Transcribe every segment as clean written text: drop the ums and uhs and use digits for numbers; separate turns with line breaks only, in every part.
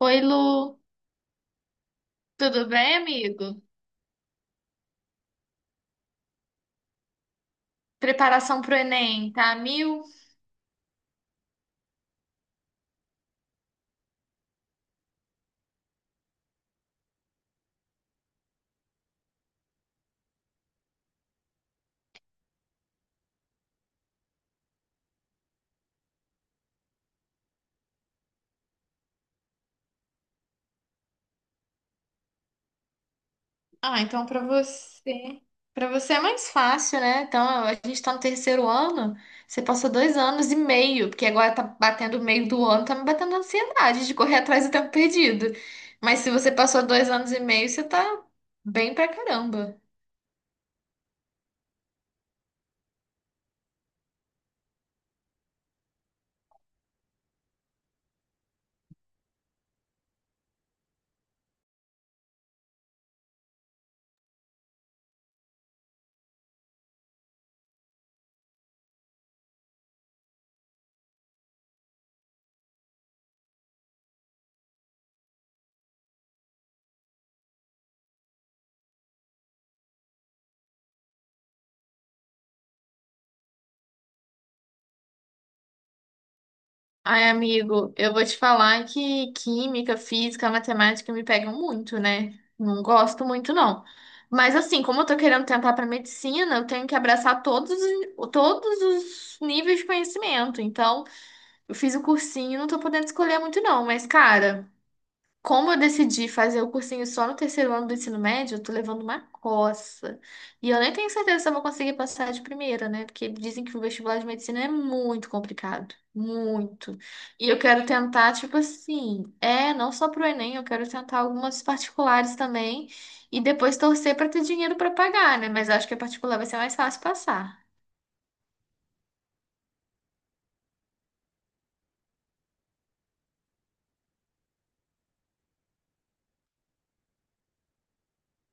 Oi, Lu. Tudo bem, amigo? Preparação pro Enem, tá a mil? Ah, então para você é mais fácil, né? Então, a gente tá no terceiro ano, você passou 2 anos e meio, porque agora tá batendo o meio do ano, tá me batendo ansiedade de correr atrás do tempo perdido. Mas se você passou 2 anos e meio, você tá bem pra caramba. Ai, amigo, eu vou te falar que química, física, matemática me pegam muito, né? Não gosto muito, não. Mas assim, como eu tô querendo tentar para medicina, eu tenho que abraçar todos os níveis de conhecimento. Então, eu fiz o cursinho, não tô podendo escolher muito, não. Mas, cara. Como eu decidi fazer o cursinho só no terceiro ano do ensino médio, eu tô levando uma coça. E eu nem tenho certeza se eu vou conseguir passar de primeira, né? Porque dizem que o vestibular de medicina é muito complicado. Muito. E eu quero tentar, tipo assim, não só pro Enem, eu quero tentar algumas particulares também. E depois torcer pra ter dinheiro pra pagar, né? Mas eu acho que a particular vai ser mais fácil passar.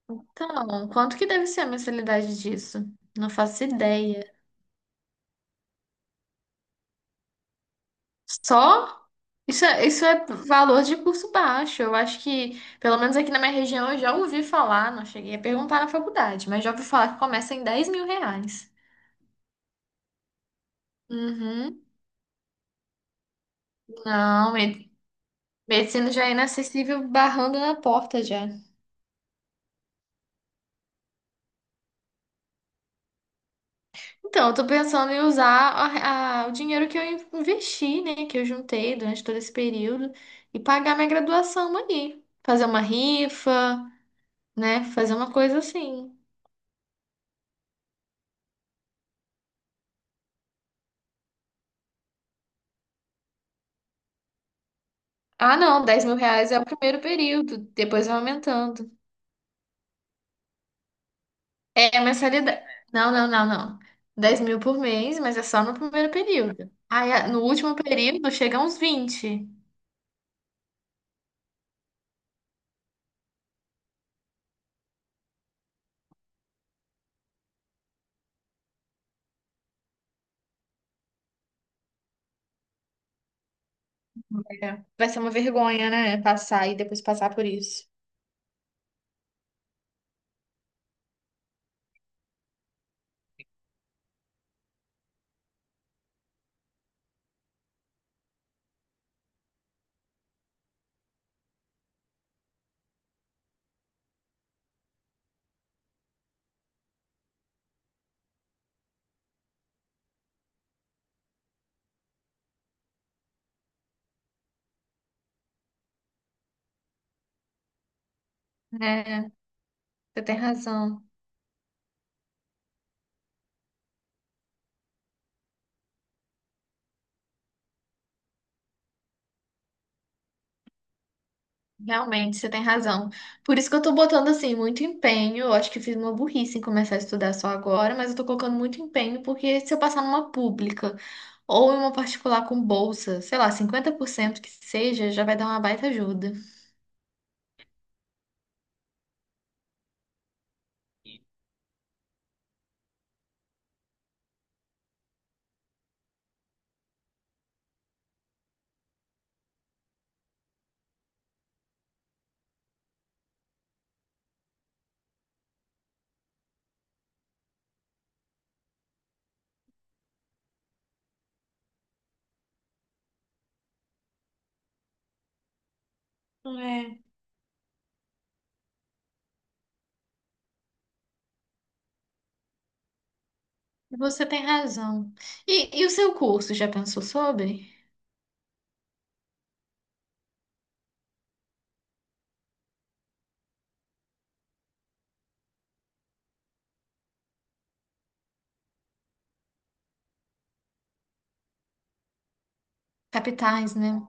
Então, quanto que deve ser a mensalidade disso? Não faço ideia. Só? Isso é valor de curso baixo. Eu acho que, pelo menos aqui na minha região, eu já ouvi falar, não cheguei a perguntar na faculdade, mas já ouvi falar que começa em 10 mil reais. Uhum. Não, me- Medicina já é inacessível, barrando na porta já. Então, eu tô pensando em usar o dinheiro que eu investi, né, que eu juntei durante todo esse período e pagar minha graduação ali. Fazer uma rifa, né, fazer uma coisa assim. Ah, não, 10 mil reais é o primeiro período, depois vai aumentando. É a mensalidade. Não, não, não, não. 10 mil por mês, mas é só no primeiro período. Aí, no último período, chega uns 20. É. Vai ser uma vergonha, né? Passar e depois passar por isso. É, você tem razão. Realmente, você tem razão. Por isso que eu tô botando, assim, muito empenho. Eu acho que eu fiz uma burrice em começar a estudar só agora, mas eu tô colocando muito empenho, porque se eu passar numa pública ou em uma particular com bolsa, sei lá, 50% que seja, já vai dar uma baita ajuda. Você tem razão. E o seu curso, já pensou sobre? Capitais, né?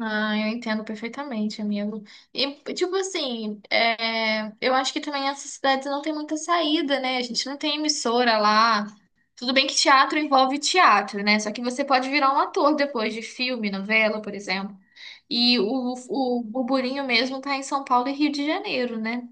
Ah, eu entendo perfeitamente, amigo. E, tipo assim, eu acho que também essas cidades não tem muita saída, né? A gente não tem emissora lá. Tudo bem que teatro envolve teatro, né? Só que você pode virar um ator depois de filme, novela, por exemplo. E o burburinho mesmo tá em São Paulo e Rio de Janeiro, né?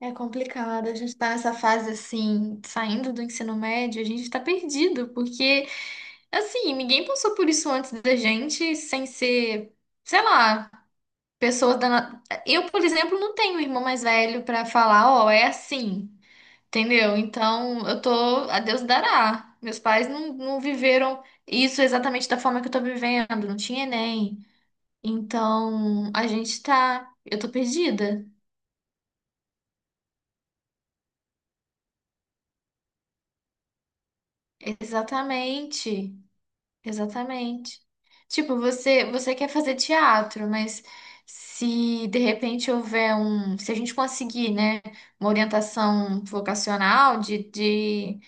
É complicado, a gente tá nessa fase assim, saindo do ensino médio, a gente está perdido, porque assim, ninguém passou por isso antes da gente, sem ser, sei lá, eu, por exemplo, não tenho irmão mais velho para falar, ó, é assim, entendeu? Então, eu tô, a Deus dará. Meus pais não, não viveram isso exatamente da forma que eu tô vivendo, não tinha Enem. Então, a gente tá, eu tô perdida. Exatamente. Exatamente. Tipo, você quer fazer teatro, mas se de repente houver um, se a gente conseguir, né, uma orientação vocacional de, de,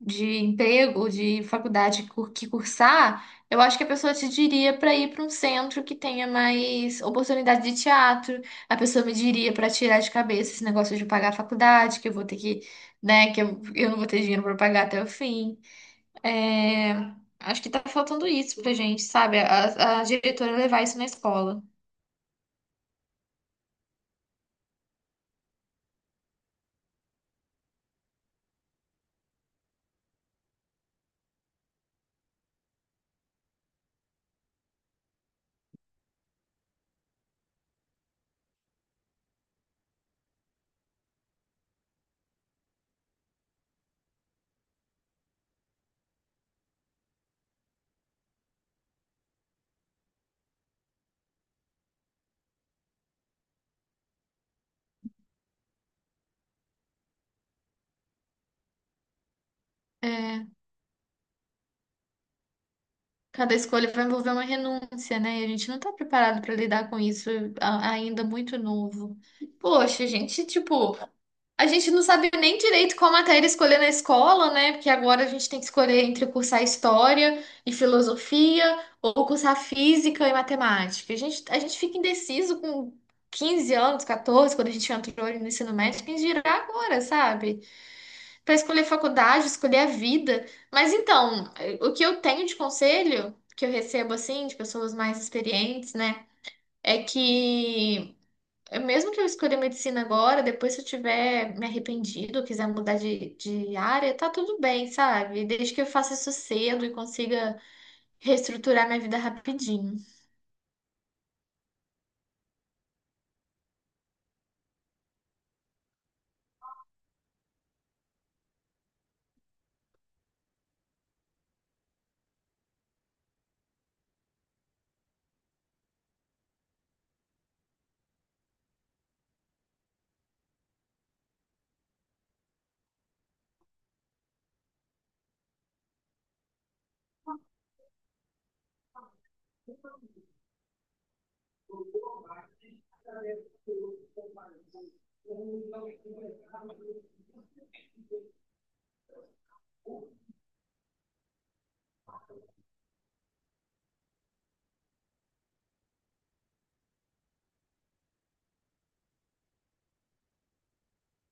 de emprego, de faculdade que cursar, eu acho que a pessoa te diria para ir para um centro que tenha mais oportunidade de teatro. A pessoa me diria para tirar de cabeça esse negócio de pagar a faculdade, que eu vou ter que, né, que eu não vou ter dinheiro para pagar até o fim. É, acho que tá faltando isso pra gente, sabe? A diretora levar isso na escola. É, cada escolha vai envolver uma renúncia, né? E a gente não tá preparado para lidar com isso ainda muito novo. Poxa, a gente, tipo, a gente não sabe nem direito qual matéria escolher na escola, né? Porque agora a gente tem que escolher entre cursar história e filosofia ou cursar física e matemática. A gente fica indeciso com 15 anos, 14, quando a gente entrou ali no ensino médio, quem dirá agora, sabe? Para escolher faculdade, escolher a vida. Mas então, o que eu tenho de conselho que eu recebo assim de pessoas mais experientes, né, é que mesmo que eu escolha medicina agora, depois se eu tiver me arrependido, quiser mudar de área, tá tudo bem, sabe? Desde que eu faça isso cedo e consiga reestruturar minha vida rapidinho.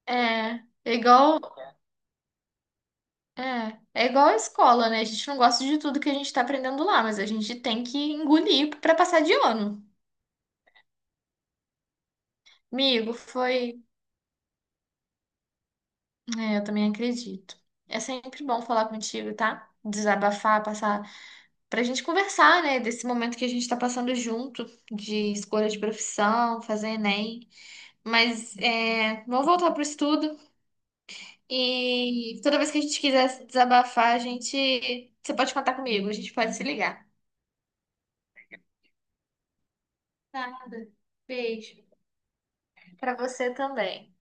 É. É, é igual a escola, né? A gente não gosta de tudo que a gente tá aprendendo lá, mas a gente tem que engolir para passar de ano. Amigo, foi. É, eu também acredito. É sempre bom falar contigo, tá? Desabafar, passar. Pra gente conversar, né? Desse momento que a gente tá passando junto, de escolha de profissão, fazer Enem. Mas é, vamos voltar pro estudo. E toda vez que a gente quiser se desabafar, a gente. Você pode contar comigo, a gente pode se ligar. Nada. Beijo. Pra você também.